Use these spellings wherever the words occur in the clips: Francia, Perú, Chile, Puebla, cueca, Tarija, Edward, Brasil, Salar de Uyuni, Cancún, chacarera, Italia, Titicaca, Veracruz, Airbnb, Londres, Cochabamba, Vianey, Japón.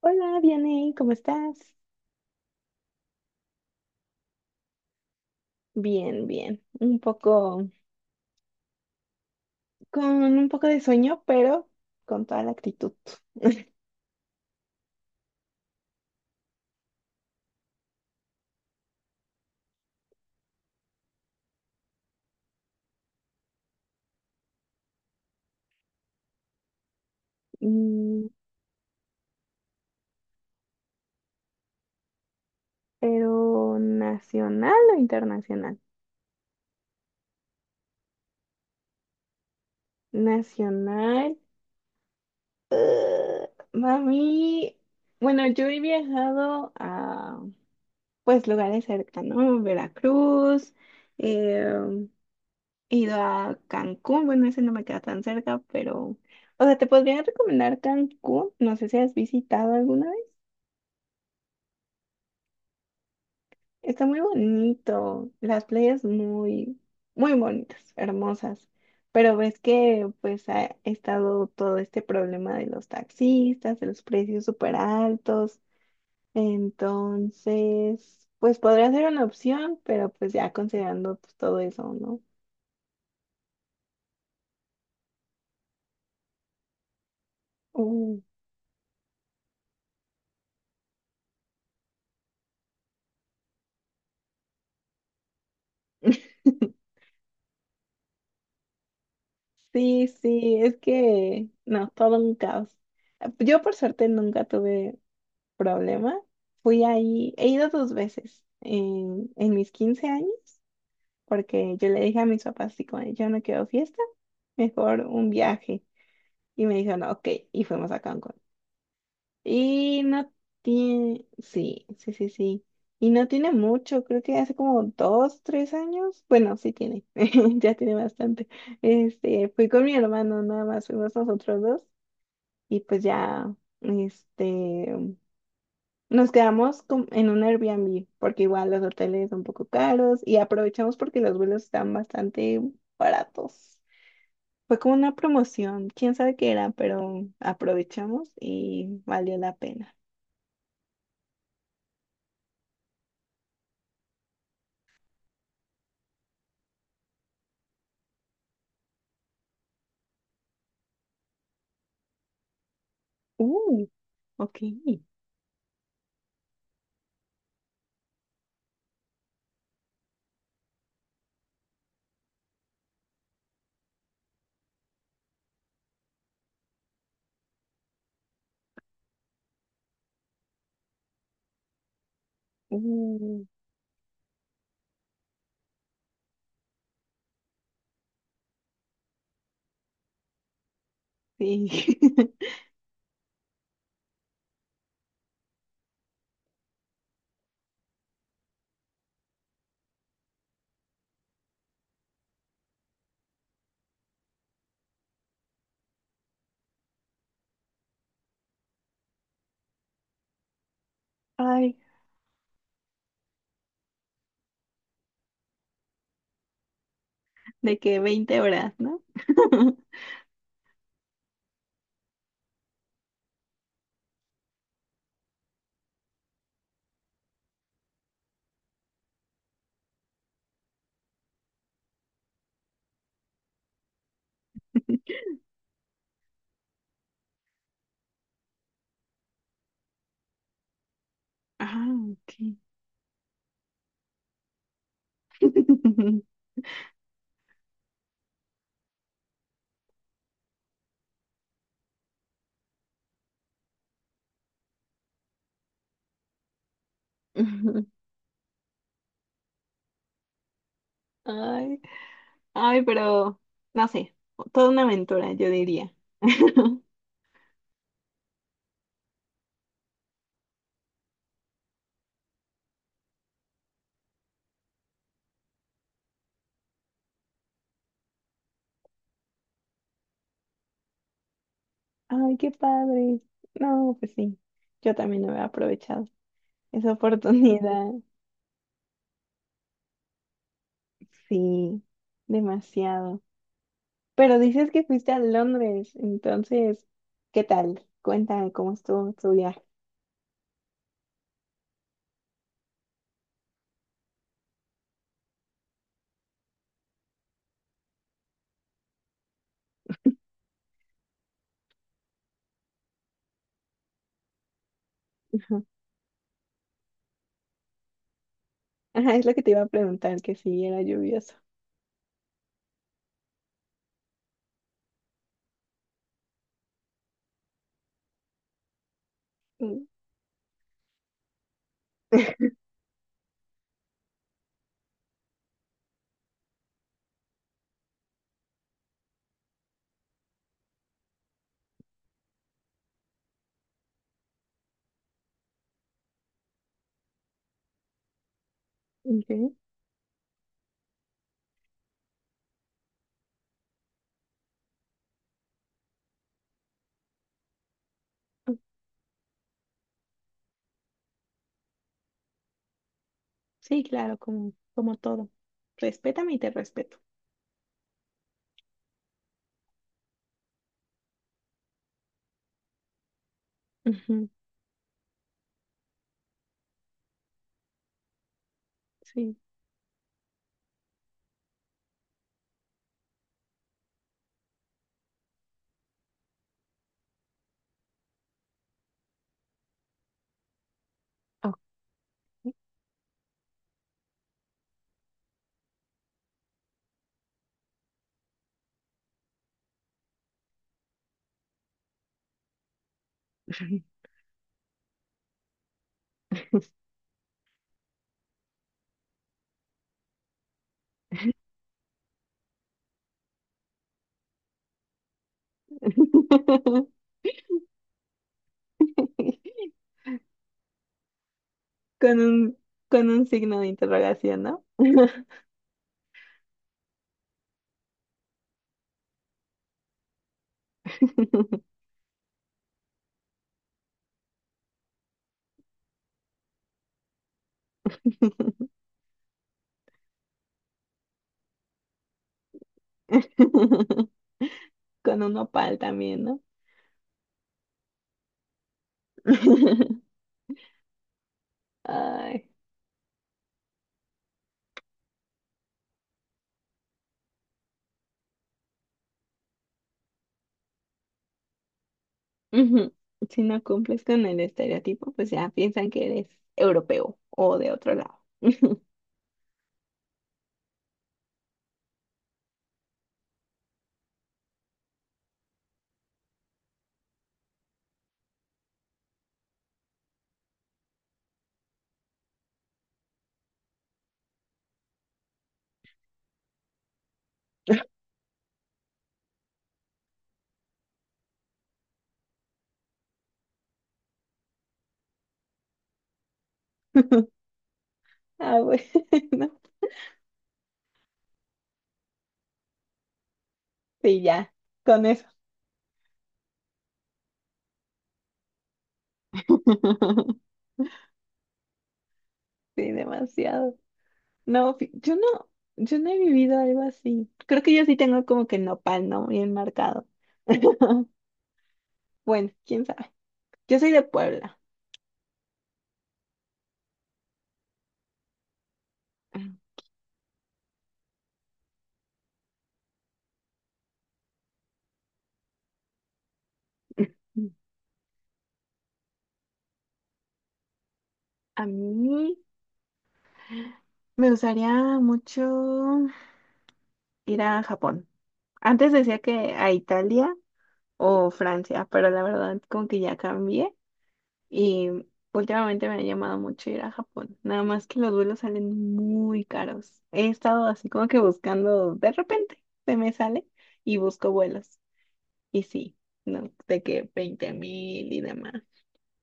Hola, Vianey, ¿cómo estás? Bien, bien. Con un poco de sueño, pero con toda la actitud. Mm, ¿Pero nacional o internacional? Nacional. eh, Mami, bueno, yo he viajado a, pues, lugares cercanos, Veracruz, eh, he ido a Cancún, bueno, ese no me queda tan cerca, pero, o sea, te podría recomendar Cancún, no sé si has visitado alguna vez. Está muy bonito, las playas muy, muy bonitas, hermosas. Pero ves que pues ha estado todo este problema de los taxistas, de los precios súper altos. Entonces, pues podría ser una opción, pero pues ya considerando, pues, todo eso, ¿no? Uh. Sí, sí, es que no, todo un caos. Yo por suerte nunca tuve problema. Fui ahí, he ido dos veces en mis 15 años, porque yo le dije a mis papás, así como, yo no quiero fiesta, mejor un viaje. Y me dijeron, ok, y fuimos a Cancún. Y no tiene, sí, sí, sí, sí. Y no tiene mucho, creo que hace como dos, tres años. Bueno, sí tiene, ya tiene bastante. Este, fui con mi hermano, nada más fuimos nosotros dos. Y pues ya, este, nos quedamos en un Airbnb porque igual los hoteles son un poco caros y aprovechamos porque los vuelos están bastante baratos. Fue como una promoción, quién sabe qué era, pero aprovechamos y valió la pena. Uh, ok. Uh, sí. Ay, de que 20 horas, ¿no? Ah, ok. Ay, ay, pero no sé, toda una aventura, yo diría. Ay, qué padre. No, pues sí, yo también no había aprovechado esa oportunidad, sí, demasiado. Pero dices que fuiste a Londres, entonces, ¿qué tal? Cuéntame cómo estuvo tu viaje. Ajá, ajá, es lo que te iba a preguntar, que si era lluvioso. Mm, ok. Sí, claro, como, como todo. Respétame y te respeto. Ujú, sí. Ok. Con un, con un signo de interrogación, ¿no? Con un nopal también, ¿no? Ay, ujú. Si no cumples con el estereotipo, pues ya piensan que eres europeo o de otro lado. Ah, bueno, sí, ya, con eso. Sí, demasiado. No, yo no he vivido algo así. Creo que yo sí tengo como que nopal, ¿no? Bien marcado. Bueno, quién sabe. Yo soy de Puebla. A mí me gustaría mucho ir a Japón. Antes decía que a Italia o Francia, pero la verdad como que ya cambié y últimamente me ha llamado mucho ir a Japón. Nada más que los vuelos salen muy caros. He estado así como que buscando, de repente se me sale y busco vuelos. Y sí, no, de que 20.000 y demás.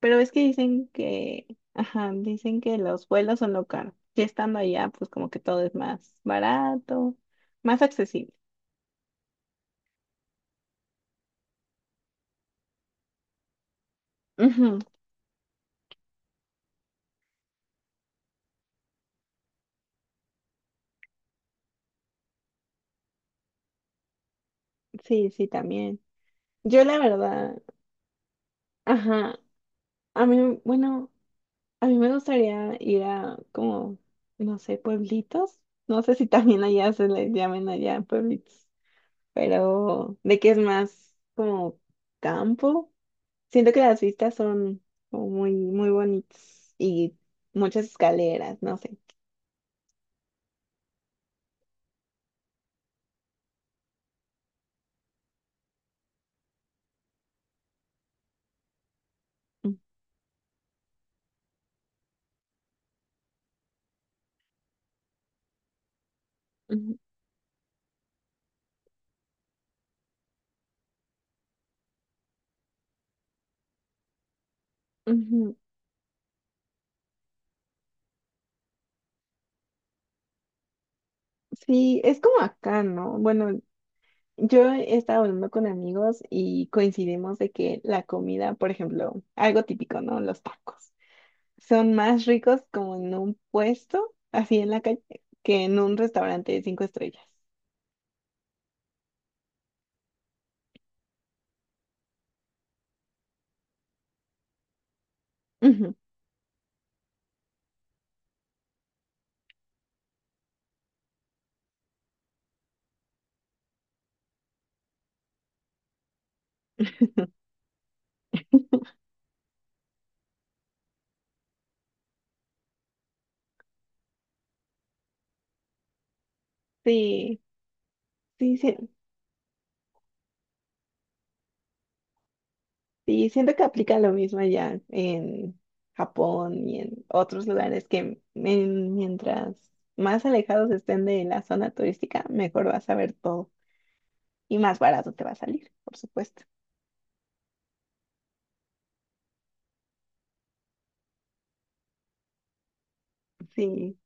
Pero es que dicen que, ajá, dicen que los vuelos son lo caro. Y estando allá, pues como que todo es más barato, más accesible. Ujú. Sí, sí, también. Yo la verdad, ajá, bueno, a mí me gustaría ir a como, no sé, pueblitos. No sé si también allá se les llamen allá pueblitos, pero de que es más como campo. Siento que las vistas son como muy, muy bonitas y muchas escaleras, no sé. Ujú, ujú. Sí, es como acá, ¿no? Bueno, yo he estado hablando con amigos y coincidimos de que la comida, por ejemplo, algo típico, ¿no? Los tacos son más ricos como en un puesto, así en la calle, que en un restaurante de cinco estrellas. Ujú. Sí, sí, sí, sí, siento que aplica lo mismo allá en Japón y en otros lugares que mientras más alejados estén de la zona turística, mejor vas a ver todo y más barato te va a salir, por supuesto. Sí.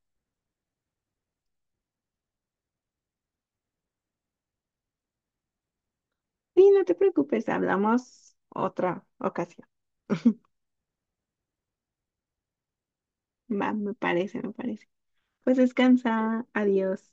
Sí, no te preocupes, hablamos otra ocasión. Va, me parece, me parece. Pues descansa, adiós.